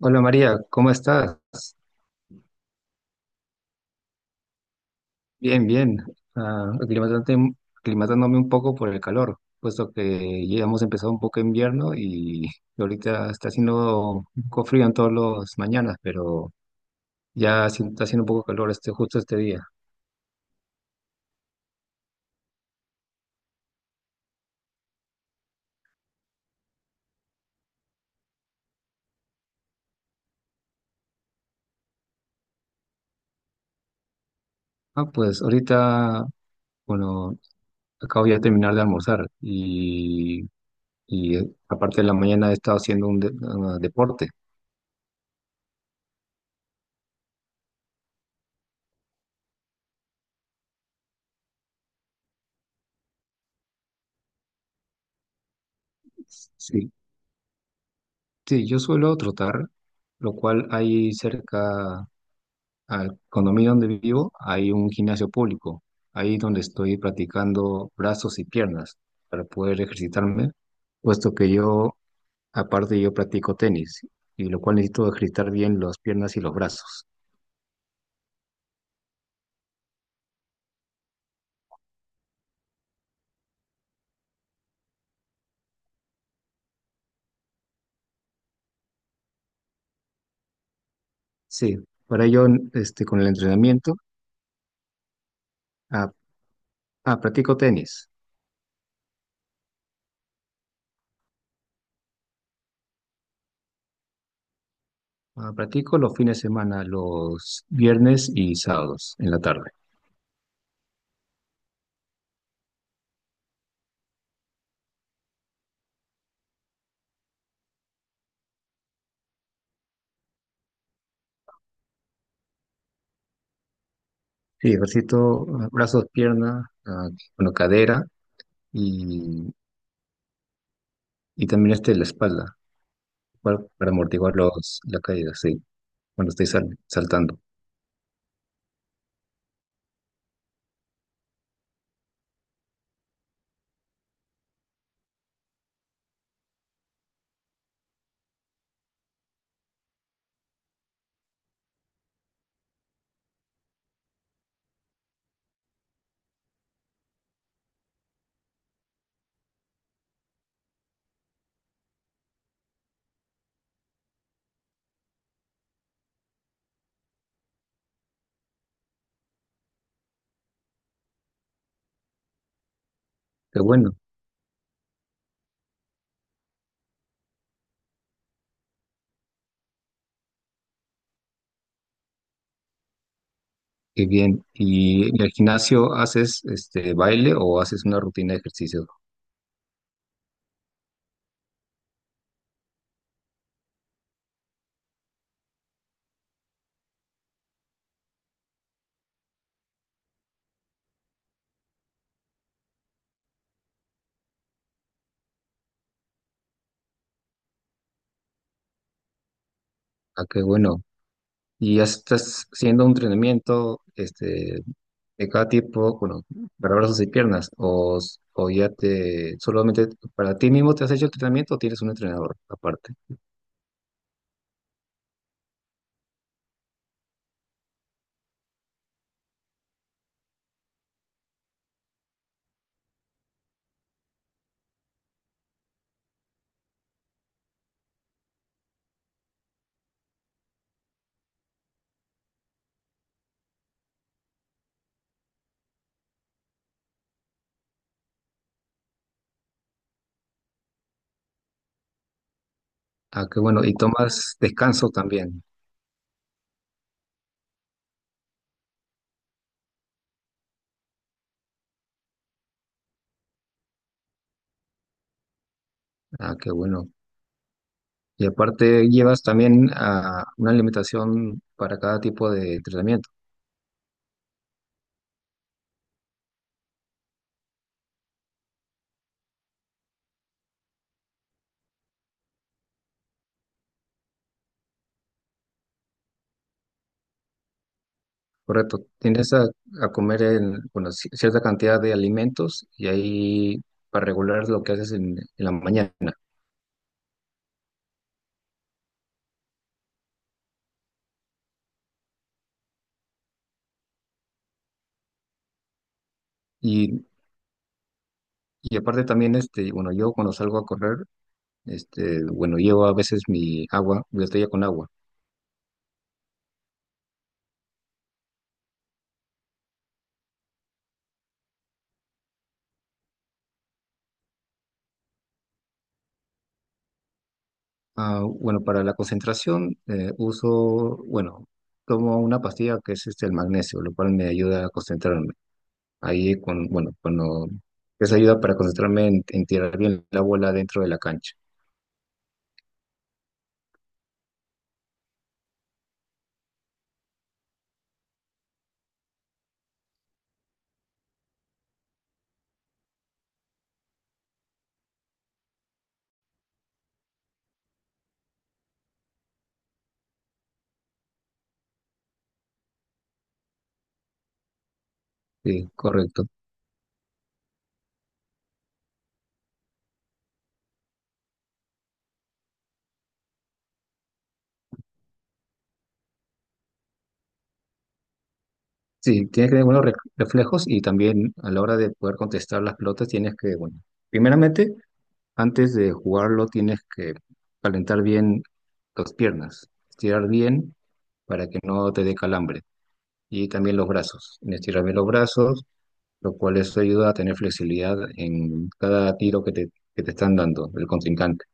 Hola María, ¿cómo estás? Bien, bien. Ah, aclimatante- Aclimatándome un poco por el calor, puesto que ya hemos empezado un poco invierno y ahorita está haciendo un poco frío en todas las mañanas, pero ya sí está haciendo un poco calor justo este día. Pues ahorita, bueno, acabo ya de terminar de almorzar y aparte de la mañana he estado haciendo un deporte. Sí, sí, yo suelo trotar, lo cual hay cerca. Al condominio donde vivo hay un gimnasio público, ahí donde estoy practicando brazos y piernas para poder ejercitarme, puesto que yo, aparte yo practico tenis, y lo cual necesito ejercitar bien las piernas y los brazos. Sí, para ello, con el entrenamiento, ah, practico tenis. Ah, practico los fines de semana, los viernes y sábados en la tarde. Sí, ejercito brazos, pierna, bueno, cadera y, y también la espalda. Para amortiguar los, la caída, sí, cuando estoy saltando. Qué bueno, qué bien. ¿Y en el gimnasio haces este baile o haces una rutina de ejercicio? Ah, qué bueno. ¿Y ya estás haciendo un entrenamiento de cada tipo, bueno, para brazos y piernas? ¿O, o ya te, solamente para ti mismo te has hecho el entrenamiento o tienes un entrenador aparte? Ah, qué bueno. ¿Y tomas descanso también? Ah, qué bueno. Y aparte llevas también a una alimentación para cada tipo de entrenamiento, ¿correcto? Tienes a comer en, bueno, cierta cantidad de alimentos y ahí para regular lo que haces en la mañana. Y, y aparte también, bueno, yo cuando salgo a correr, bueno, llevo a veces mi agua, mi botella con agua. Ah, bueno, para la concentración uso, bueno, tomo una pastilla que es el magnesio, lo cual me ayuda a concentrarme. Ahí, con, bueno, cuando esa ayuda para concentrarme en tirar bien la bola dentro de la cancha. Sí, correcto. Sí, tienes que tener buenos reflejos y también a la hora de poder contestar las pelotas tienes que, bueno, primeramente, antes de jugarlo tienes que calentar bien las piernas, estirar bien para que no te dé calambre y también los brazos. Estirar bien los brazos, lo cual eso ayuda a tener flexibilidad en cada tiro que te están dando el contrincante.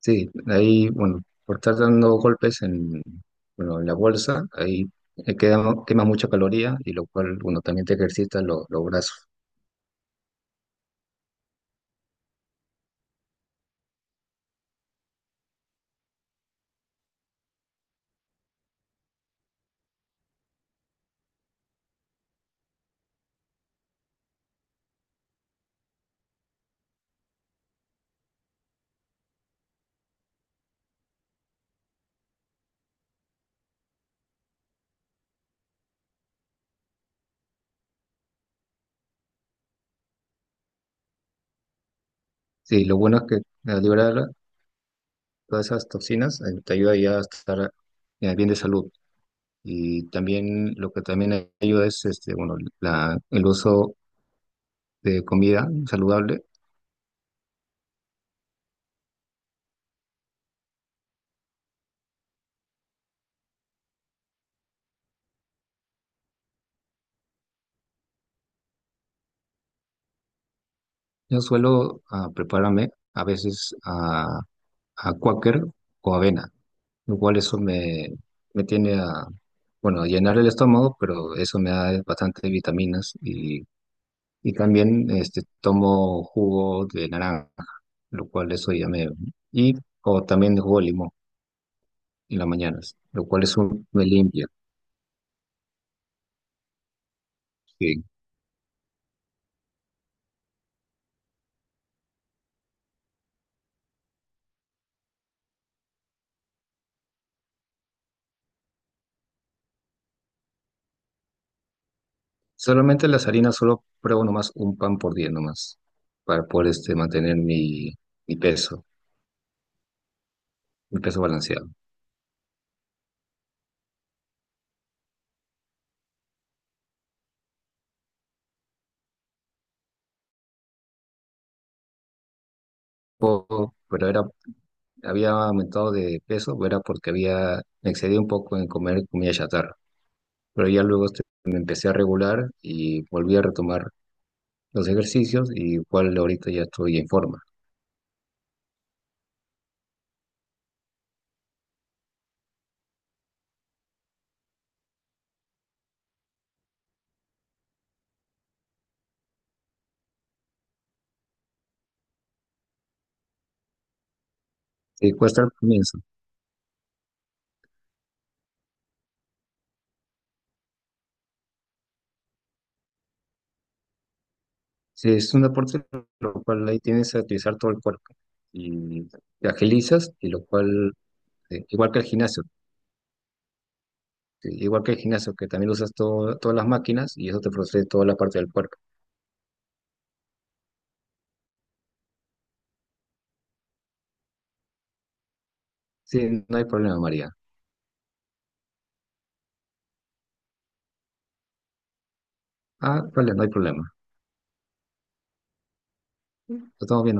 Sí, ahí, bueno, por estar dando golpes en, bueno, en la bolsa, ahí quema mucha caloría y lo cual, bueno, también te ejercita los brazos. Sí, lo bueno es que al liberar todas esas toxinas te ayuda ya a estar bien de salud. Y también lo que también ayuda es, bueno, la, el uso de comida saludable. Yo suelo prepararme a veces a cuáquer o avena. Lo cual eso me, me tiene a, bueno, a llenar el estómago, pero eso me da bastante vitaminas y también tomo jugo de naranja, lo cual eso ya me... Y o también jugo de limón en las mañanas, lo cual eso me limpia. Sí. Solamente las harinas, solo pruebo nomás un pan por día nomás, para poder mantener mi, mi peso, mi peso balanceado. Poco, pero era había aumentado de peso, era porque había, me excedí un poco en comer comida chatarra, pero ya luego me empecé a regular y volví a retomar los ejercicios y igual ahorita ya estoy en forma. Sí, cuesta al comienzo. Sí, es un deporte lo cual ahí tienes que utilizar todo el cuerpo y te agilizas y lo cual, igual que el gimnasio, sí, igual que el gimnasio que también usas todo, todas las máquinas y eso te procede toda la parte del cuerpo. Sí, no hay problema, María. Ah, vale, no hay problema. Lo estamos viendo.